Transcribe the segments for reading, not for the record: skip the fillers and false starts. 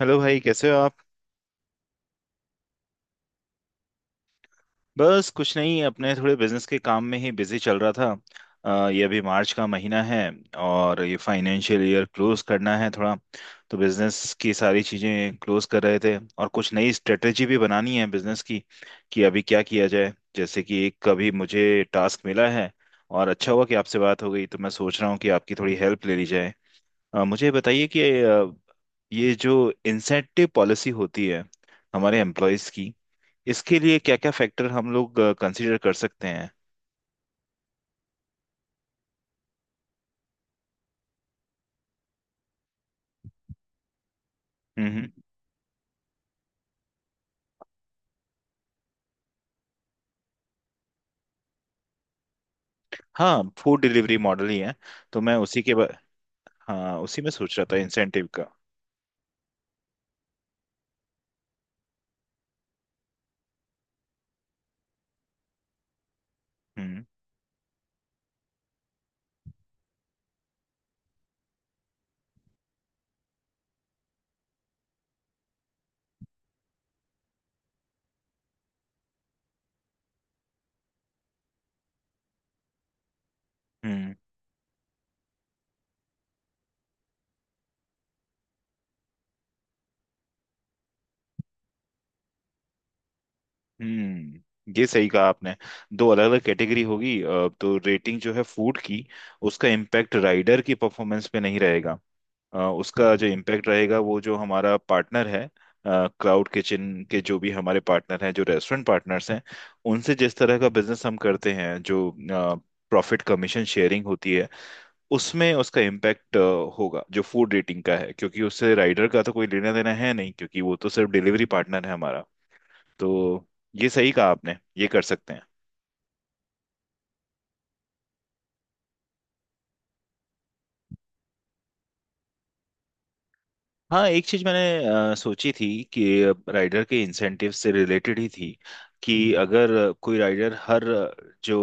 Hello भाई, कैसे हो आप? बस कुछ नहीं, अपने थोड़े बिजनेस के काम में ही बिजी चल रहा था। ये अभी मार्च का महीना है और ये फाइनेंशियल ईयर क्लोज करना है थोड़ा। तो बिजनेस की सारी चीजें क्लोज कर रहे थे और कुछ नई स्ट्रेटेजी भी बनानी है बिजनेस की कि अभी क्या किया जाए, जैसे कि एक कभी मुझे टास्क मिला है। और अच्छा हुआ कि आपसे बात हो गई, तो मैं सोच रहा हूँ कि आपकी थोड़ी हेल्प ले ली जाए। मुझे बताइए कि ये जो इंसेंटिव पॉलिसी होती है हमारे एम्प्लॉयज की, इसके लिए क्या क्या फैक्टर हम लोग कंसीडर कर सकते हैं? हम्म, हाँ, फूड डिलीवरी मॉडल ही है। तो मैं उसी के बा... हाँ, उसी में सोच रहा था इंसेंटिव का। हम्म, हम्म। हम्म, ये सही कहा आपने। दो अलग अलग कैटेगरी होगी। तो रेटिंग जो है फूड की, उसका इम्पैक्ट राइडर की परफॉर्मेंस पे नहीं रहेगा। उसका जो इम्पैक्ट रहेगा, वो जो हमारा पार्टनर है, क्लाउड किचन के जो भी हमारे पार्टनर हैं, जो रेस्टोरेंट पार्टनर्स हैं, उनसे जिस तरह का बिजनेस हम करते हैं, जो प्रॉफिट कमीशन शेयरिंग होती है, उसमें उसका इम्पैक्ट होगा जो फूड रेटिंग का है, क्योंकि उससे राइडर का तो कोई लेना देना है नहीं, क्योंकि वो तो सिर्फ डिलीवरी पार्टनर है हमारा। तो ये सही कहा आपने, ये कर सकते हैं। हाँ, एक चीज मैंने सोची थी, कि राइडर के इंसेंटिव से रिलेटेड ही थी, कि अगर कोई राइडर हर जो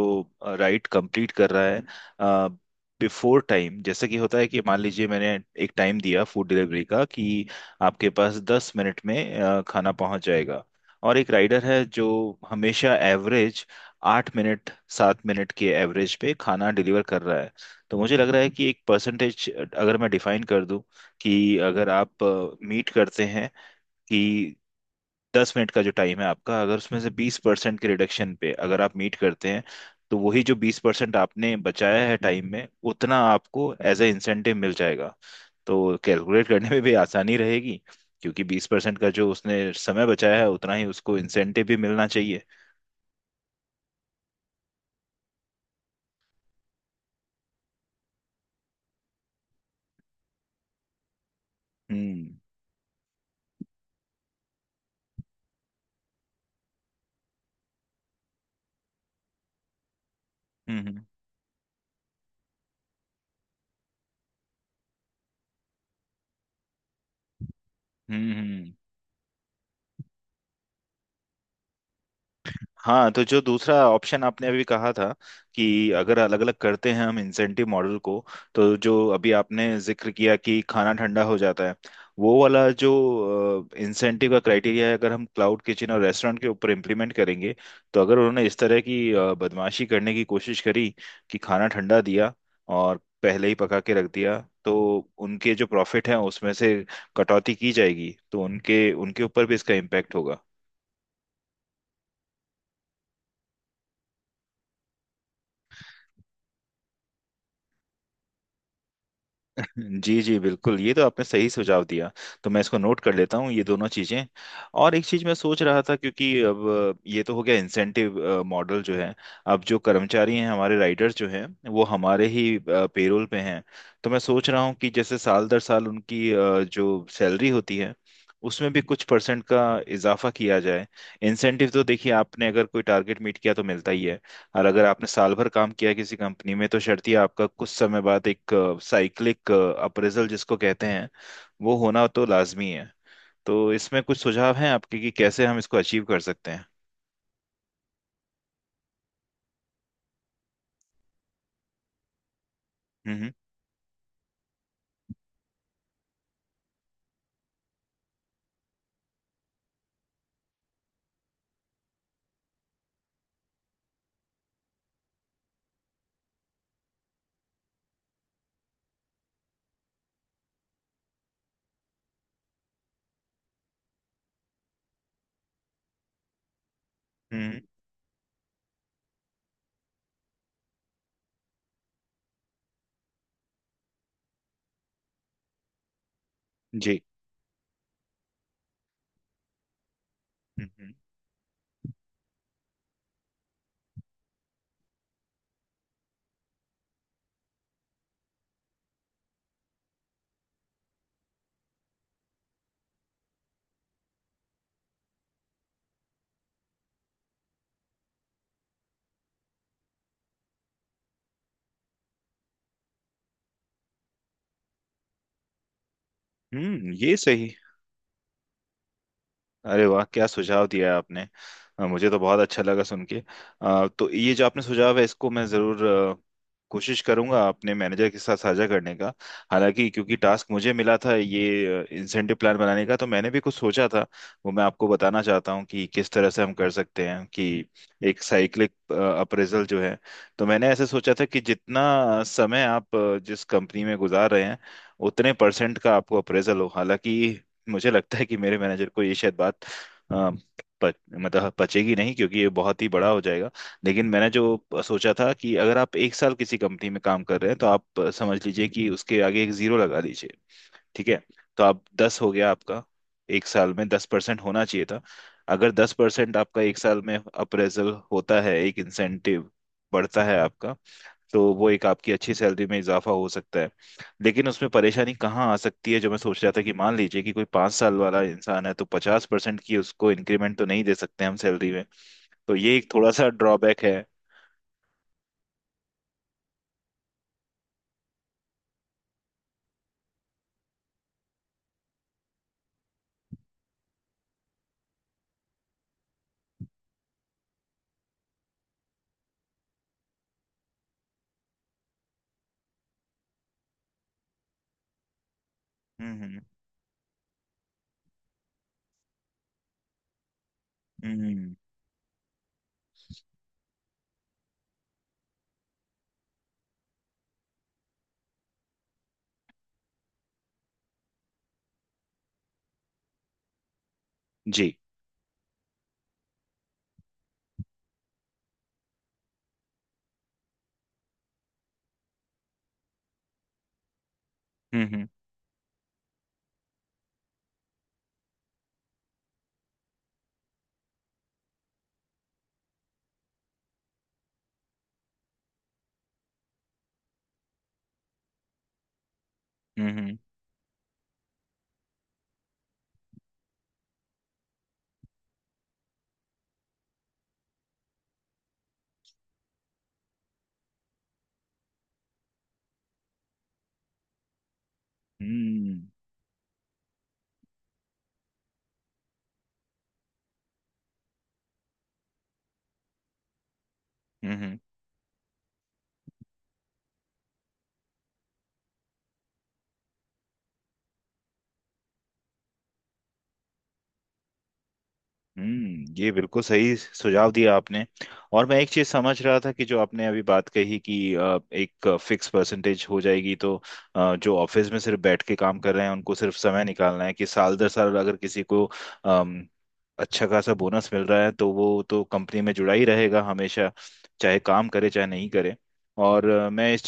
राइड कंप्लीट कर रहा है बिफोर टाइम, जैसे कि होता है कि मान लीजिए मैंने एक टाइम दिया फूड डिलीवरी का कि आपके पास 10 मिनट में खाना पहुंच जाएगा, और एक राइडर है जो हमेशा एवरेज 8 मिनट, 7 मिनट के एवरेज पे खाना डिलीवर कर रहा है, तो मुझे लग रहा है कि एक परसेंटेज अगर मैं डिफाइन कर दूं कि अगर आप मीट करते हैं कि 10 मिनट का जो टाइम है आपका, अगर उसमें से 20% के रिडक्शन पे अगर आप मीट करते हैं, तो वही जो 20% आपने बचाया है टाइम में, उतना आपको एज ए इंसेंटिव मिल जाएगा। तो कैलकुलेट करने में भी आसानी रहेगी, क्योंकि 20% का जो उसने समय बचाया है, उतना ही उसको इंसेंटिव भी मिलना चाहिए। हम्म, हम्म, हम्म, हम्म, हाँ, तो जो दूसरा ऑप्शन आपने अभी कहा था कि अगर अलग अलग करते हैं हम इंसेंटिव मॉडल को, तो जो अभी आपने जिक्र किया कि खाना ठंडा हो जाता है, वो वाला जो इंसेंटिव का क्राइटेरिया है, अगर हम क्लाउड किचन और रेस्टोरेंट के ऊपर इम्प्लीमेंट करेंगे, तो अगर उन्होंने इस तरह की बदमाशी करने की कोशिश करी कि खाना ठंडा दिया और पहले ही पका के रख दिया, तो उनके जो प्रॉफिट हैं उसमें से कटौती की जाएगी, तो उनके उनके ऊपर भी इसका इम्पैक्ट होगा। जी जी बिल्कुल, ये तो आपने सही सुझाव दिया। तो मैं इसको नोट कर लेता हूँ ये दोनों चीजें। और एक चीज मैं सोच रहा था, क्योंकि अब ये तो हो गया इंसेंटिव मॉडल जो है। अब जो कर्मचारी हैं हमारे, राइडर्स जो हैं, वो हमारे ही पेरोल पे हैं, तो मैं सोच रहा हूँ कि जैसे साल दर साल उनकी जो सैलरी होती है, उसमें भी कुछ परसेंट का इजाफा किया जाए। इंसेंटिव तो देखिए, आपने अगर कोई टारगेट मीट किया तो मिलता ही है, और अगर आपने साल भर काम किया किसी कंपनी में तो शर्त आपका कुछ समय बाद एक साइक्लिक अप्रेजल जिसको कहते हैं, वो होना तो लाजमी है। तो इसमें कुछ सुझाव हैं आपके कि कैसे हम इसको अचीव कर सकते हैं? हम्म, हम्म, जी, हम्म, ये सही। अरे वाह, क्या सुझाव दिया है आपने! मुझे तो बहुत अच्छा लगा सुन के। तो ये जो आपने सुझाव है, इसको मैं ज़रूर कोशिश करूंगा अपने मैनेजर के साथ साझा करने का। हालांकि, क्योंकि टास्क मुझे मिला था ये इंसेंटिव प्लान बनाने का, तो मैंने भी कुछ सोचा था, वो मैं आपको बताना चाहता हूँ कि किस तरह से हम कर सकते हैं कि एक साइक्लिक अप्रेजल जो है। तो मैंने ऐसे सोचा था कि जितना समय आप जिस कंपनी में गुजार रहे हैं, उतने परसेंट का आपको अप्रेजल हो। हालांकि मुझे लगता है कि मेरे मैनेजर को ये शायद बात अ, मतलब पचेगी नहीं, क्योंकि ये बहुत ही बड़ा हो जाएगा। लेकिन मैंने जो सोचा था कि अगर आप एक साल किसी कंपनी में काम कर रहे हैं, तो आप समझ लीजिए कि उसके आगे एक 0 लगा दीजिए। ठीक है? तो आप 10 हो गया आपका, एक साल में 10% होना चाहिए था। अगर 10% आपका एक साल में अप्रेजल होता है, एक इंसेंटिव बढ़ता है आपका, तो वो एक आपकी अच्छी सैलरी में इजाफा हो सकता है। लेकिन उसमें परेशानी कहाँ आ सकती है, जो मैं सोच रहा था, कि मान लीजिए कि कोई 5 साल वाला इंसान है, तो 50% की उसको इंक्रीमेंट तो नहीं दे सकते हम सैलरी में। तो ये एक थोड़ा सा ड्रॉबैक है। हम्म, हम्म, जी, हम्म, हम्म, हम्म, हम्म, हम्म, हम्म, ये बिल्कुल सही सुझाव दिया आपने। और मैं एक चीज समझ रहा था कि जो आपने अभी बात कही कि एक फिक्स परसेंटेज हो जाएगी, तो जो ऑफिस में सिर्फ बैठ के काम कर रहे हैं, उनको सिर्फ समय निकालना है कि साल दर साल अगर किसी को अम, अच्छा खासा बोनस मिल रहा है, तो वो तो कंपनी में जुड़ा ही रहेगा हमेशा, चाहे काम करे चाहे नहीं करे। और अ, मैं इस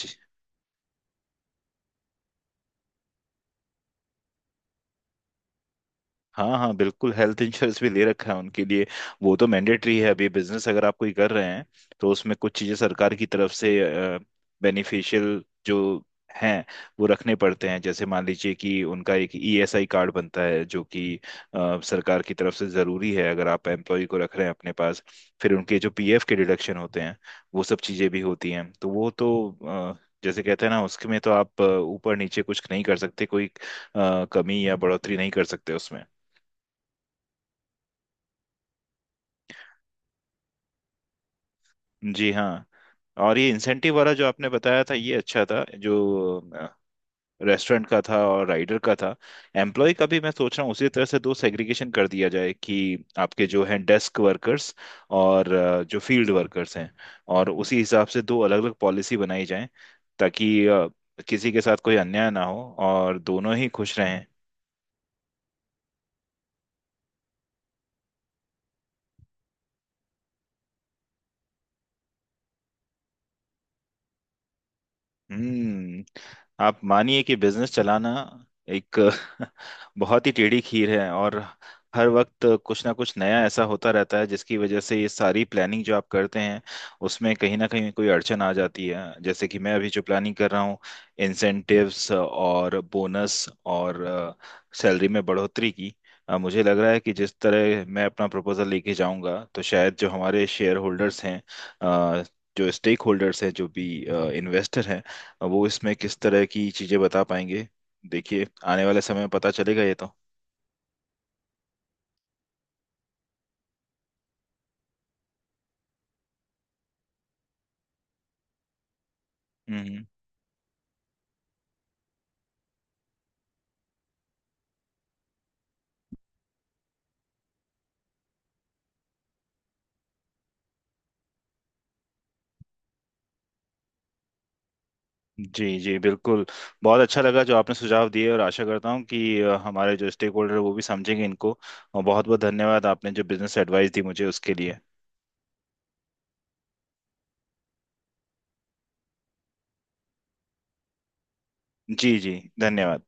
हाँ हाँ बिल्कुल, हेल्थ इंश्योरेंस भी ले रखा है उनके लिए। वो तो मैंडेटरी है अभी, बिजनेस अगर आप कोई कर रहे हैं तो उसमें कुछ चीजें सरकार की तरफ से बेनिफिशियल जो हैं, वो रखने पड़ते हैं। जैसे मान लीजिए कि उनका एक ईएसआई कार्ड बनता है, जो कि सरकार की तरफ से जरूरी है अगर आप एम्प्लॉय को रख रहे हैं अपने पास। फिर उनके जो पीएफ के डिडक्शन होते हैं, वो सब चीजें भी होती हैं, तो वो तो अ, जैसे कहते हैं ना, उसमें तो आप ऊपर नीचे कुछ नहीं कर सकते, कोई कमी या बढ़ोतरी नहीं कर सकते उसमें। जी हाँ। और ये इंसेंटिव वाला जो आपने बताया था, ये अच्छा था, जो रेस्टोरेंट का था और राइडर का था। एम्प्लॉय का भी मैं सोच रहा हूँ उसी तरह से दो सेग्रीगेशन कर दिया जाए, कि आपके जो हैं डेस्क वर्कर्स, और जो फील्ड वर्कर्स हैं, और उसी हिसाब से दो अलग अलग पॉलिसी बनाई जाए, ताकि किसी के साथ कोई अन्याय ना हो और दोनों ही खुश रहें। हम्म। आप मानिए कि बिजनेस चलाना एक बहुत ही टेढ़ी खीर है, और हर वक्त कुछ ना कुछ नया ऐसा होता रहता है, जिसकी वजह से ये सारी प्लानिंग जो आप करते हैं उसमें कहीं ना कहीं कोई अड़चन आ जाती है। जैसे कि मैं अभी जो प्लानिंग कर रहा हूँ इंसेंटिव्स और बोनस और सैलरी में बढ़ोतरी की, मुझे लग रहा है कि जिस तरह मैं अपना प्रपोजल लेके जाऊंगा, तो शायद जो हमारे शेयर होल्डर्स हैं, अ, जो स्टेक होल्डर्स हैं, जो भी इन्वेस्टर हैं, अब वो इसमें किस तरह की चीजें बता पाएंगे, देखिए आने वाले समय में पता चलेगा ये तो। हम्म। जी जी बिल्कुल, बहुत अच्छा लगा जो आपने सुझाव दिए, और आशा करता हूँ कि हमारे जो स्टेक होल्डर, वो भी समझेंगे इनको। और बहुत बहुत धन्यवाद आपने जो बिजनेस एडवाइस दी मुझे उसके लिए। जी जी धन्यवाद।